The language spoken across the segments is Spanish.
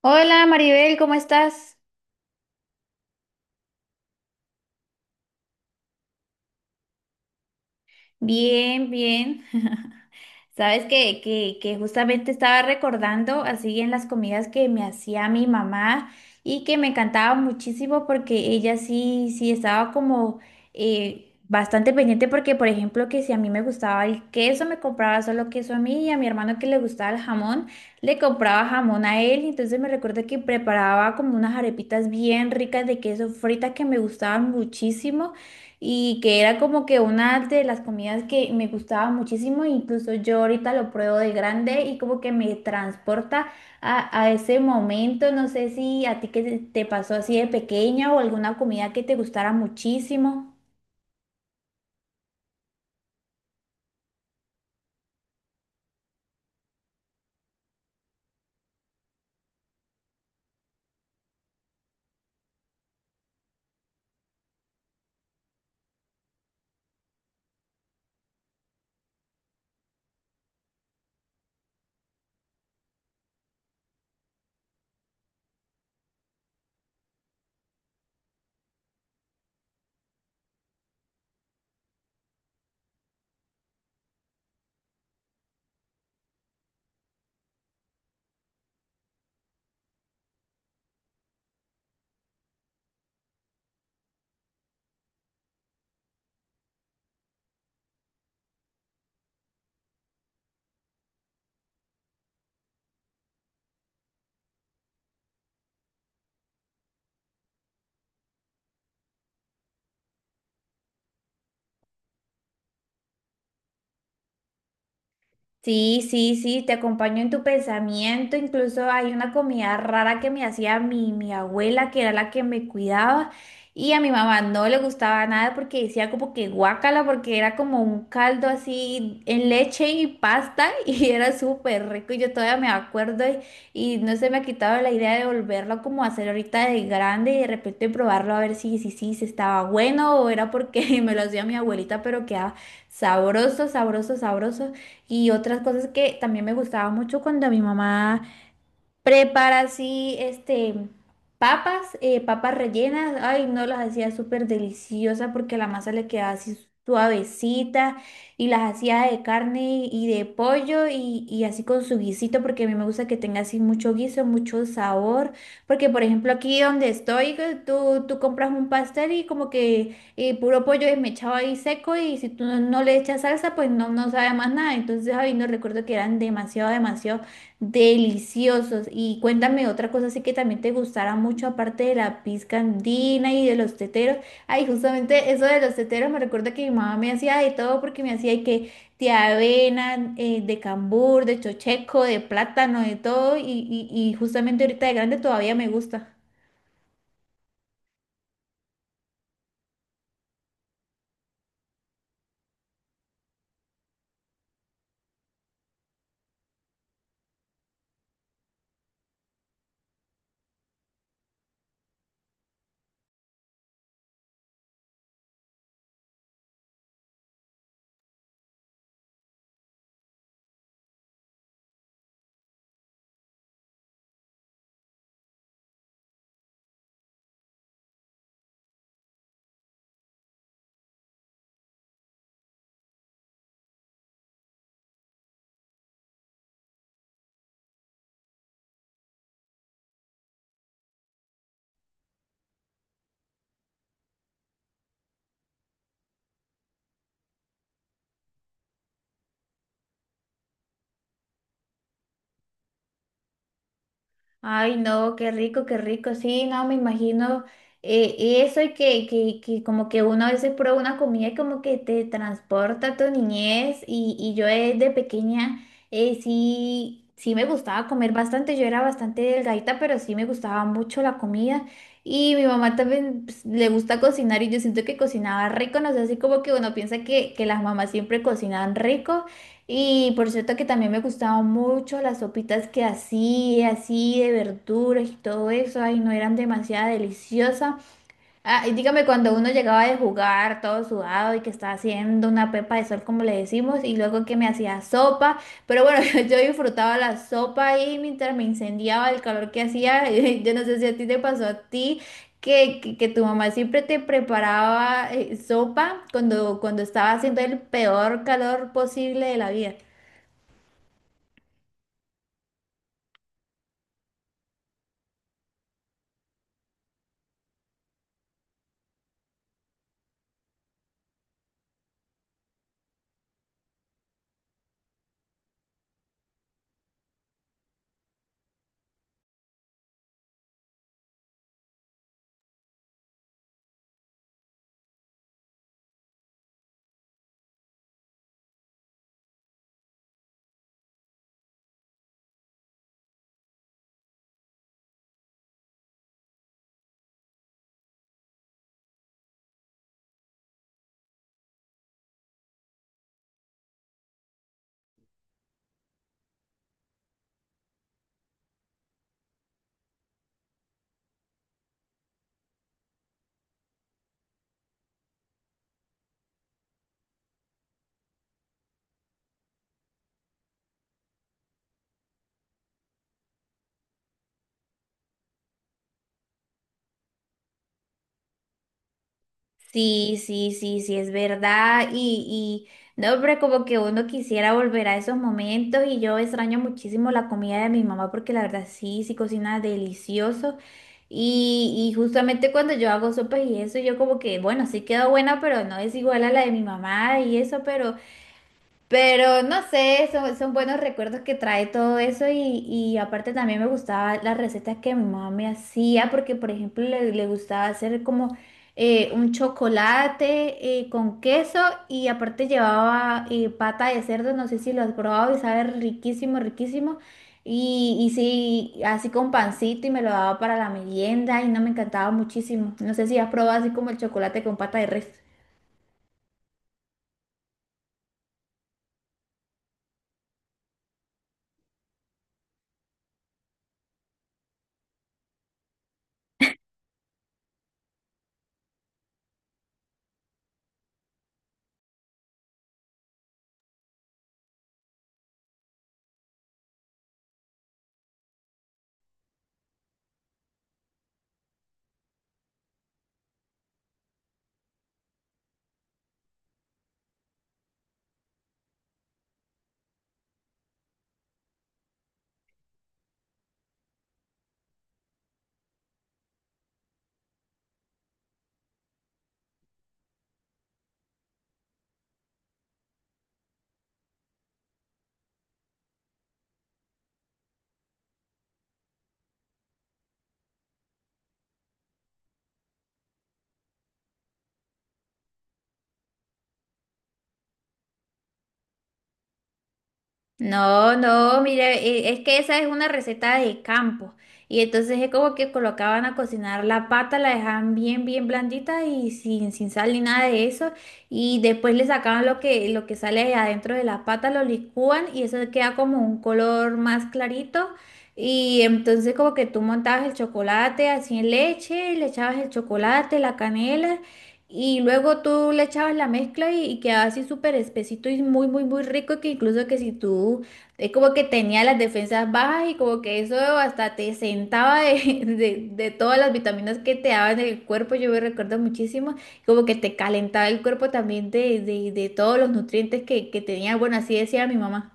Hola Maribel, ¿cómo estás? Bien, bien. Sabes que justamente estaba recordando así en las comidas que me hacía mi mamá y que me encantaba muchísimo porque ella sí estaba como bastante pendiente porque, por ejemplo, que si a mí me gustaba el queso, me compraba solo queso a mí, y a mi hermano que le gustaba el jamón, le compraba jamón a él. Entonces me recuerdo que preparaba como unas arepitas bien ricas de queso frita que me gustaban muchísimo, y que era como que una de las comidas que me gustaba muchísimo. Incluso yo ahorita lo pruebo de grande y como que me transporta a ese momento. No sé si a ti que te pasó así de pequeña, o alguna comida que te gustara muchísimo. Sí, sí, sí, te acompaño en tu pensamiento. Incluso hay una comida rara que me hacía mi abuela, que era la que me cuidaba, y a mi mamá no le gustaba nada porque decía como que guácala, porque era como un caldo así en leche y pasta, y era súper rico. Y yo todavía me acuerdo, y no se me ha quitado la idea de volverlo como a hacer ahorita de grande y de repente probarlo, a ver si estaba bueno o era porque me lo hacía mi abuelita, pero quedaba sabroso, sabroso, sabroso. Y otras cosas que también me gustaba mucho cuando mi mamá prepara así, este, papas, papas rellenas. Ay, no, las hacía súper deliciosas porque la masa le quedaba así suavecita, y las hacía de carne y de pollo, y así con su guisito porque a mí me gusta que tenga así mucho guiso, mucho sabor. Porque, por ejemplo, aquí donde estoy, que tú compras un pastel y como que puro pollo desmechado ahí seco, y si tú no, no le echas salsa, pues no, no sabe más nada. Entonces, ay, no, recuerdo que eran demasiado, demasiado deliciosos. Y cuéntame otra cosa así que también te gustará mucho, aparte de la pizca andina y de los teteros. Ay, justamente eso de los teteros me recuerda que mi mamá me hacía de todo, porque me hacía y que de avena, de cambur, de chocheco, de plátano, de todo. Y justamente ahorita de grande todavía me gusta. Ay, no, qué rico, qué rico. Sí, no, me imagino, eh, eso, y que como que uno a veces prueba una comida y como que te transporta a tu niñez. Y, y yo desde pequeña, sí, sí me gustaba comer bastante. Yo era bastante delgadita, pero sí me gustaba mucho la comida. Y mi mamá también pues, le gusta cocinar, y yo siento que cocinaba rico. No sé, así como que uno piensa que las mamás siempre cocinan rico. Y por cierto que también me gustaban mucho las sopitas que hacía, así de verduras y todo eso. Ay, no, eran demasiado deliciosas. Ah, y dígame, cuando uno llegaba de jugar todo sudado y que estaba haciendo una pepa de sol, como le decimos, y luego que me hacía sopa, pero bueno, yo disfrutaba la sopa, y mientras me incendiaba el calor que hacía, yo no sé si a ti te pasó a ti. Que tu mamá siempre te preparaba sopa cuando estaba haciendo el peor calor posible de la vida. Sí, sí, sí, sí, es verdad. Y no, pero como que uno quisiera volver a esos momentos, y yo extraño muchísimo la comida de mi mamá, porque la verdad sí, sí cocina delicioso. Y justamente cuando yo hago sopas y eso, yo como que, bueno, sí quedó buena, pero no es igual a la de mi mamá y eso. Pero no sé, son, son buenos recuerdos que trae todo eso. Y, y aparte también me gustaban las recetas que mi mamá me hacía porque, por ejemplo, le gustaba hacer como un chocolate con queso, y aparte llevaba pata de cerdo. No sé si lo has probado, y sabe riquísimo, riquísimo. Y sí, así con pancito, y me lo daba para la merienda y no me encantaba muchísimo. No sé si has probado así como el chocolate con pata de res. No, no, mira, es que esa es una receta de campo. Y entonces es como que colocaban a cocinar la pata, la dejaban bien, bien blandita y sin, sin sal ni nada de eso. Y después le sacaban lo que sale de adentro de la pata, lo licúan y eso queda como un color más clarito. Y entonces como que tú montabas el chocolate así en leche, le echabas el chocolate, la canela. Y luego tú le echabas la mezcla, y quedaba así súper espesito y muy, muy, muy rico, que incluso que si tú, es como que tenía las defensas bajas y como que eso hasta te sentaba de, de todas las vitaminas que te daban en el cuerpo. Yo me recuerdo muchísimo, como que te calentaba el cuerpo también de todos los nutrientes que tenía, bueno, así decía mi mamá.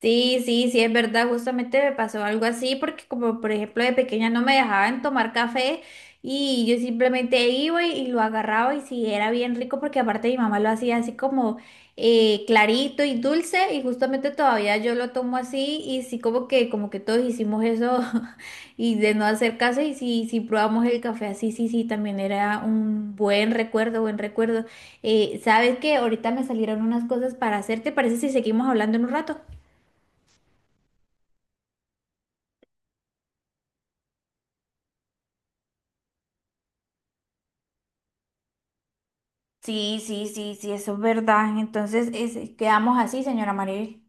Sí, sí, sí, es verdad. Justamente me pasó algo así, porque como por ejemplo de pequeña no me dejaban tomar café, y yo simplemente iba y lo agarraba, y sí, era bien rico, porque aparte mi mamá lo hacía así como clarito y dulce, y justamente todavía yo lo tomo así. Y sí, como que todos hicimos eso y de no hacer caso, y sí, sí probamos el café así. Sí, sí, también era un buen recuerdo, buen recuerdo. ¿Sabes qué? Ahorita me salieron unas cosas para hacer, ¿te parece si seguimos hablando en un rato? Sí, sí, sí, sí, eso es verdad. Entonces, es- quedamos así, señora Maribel.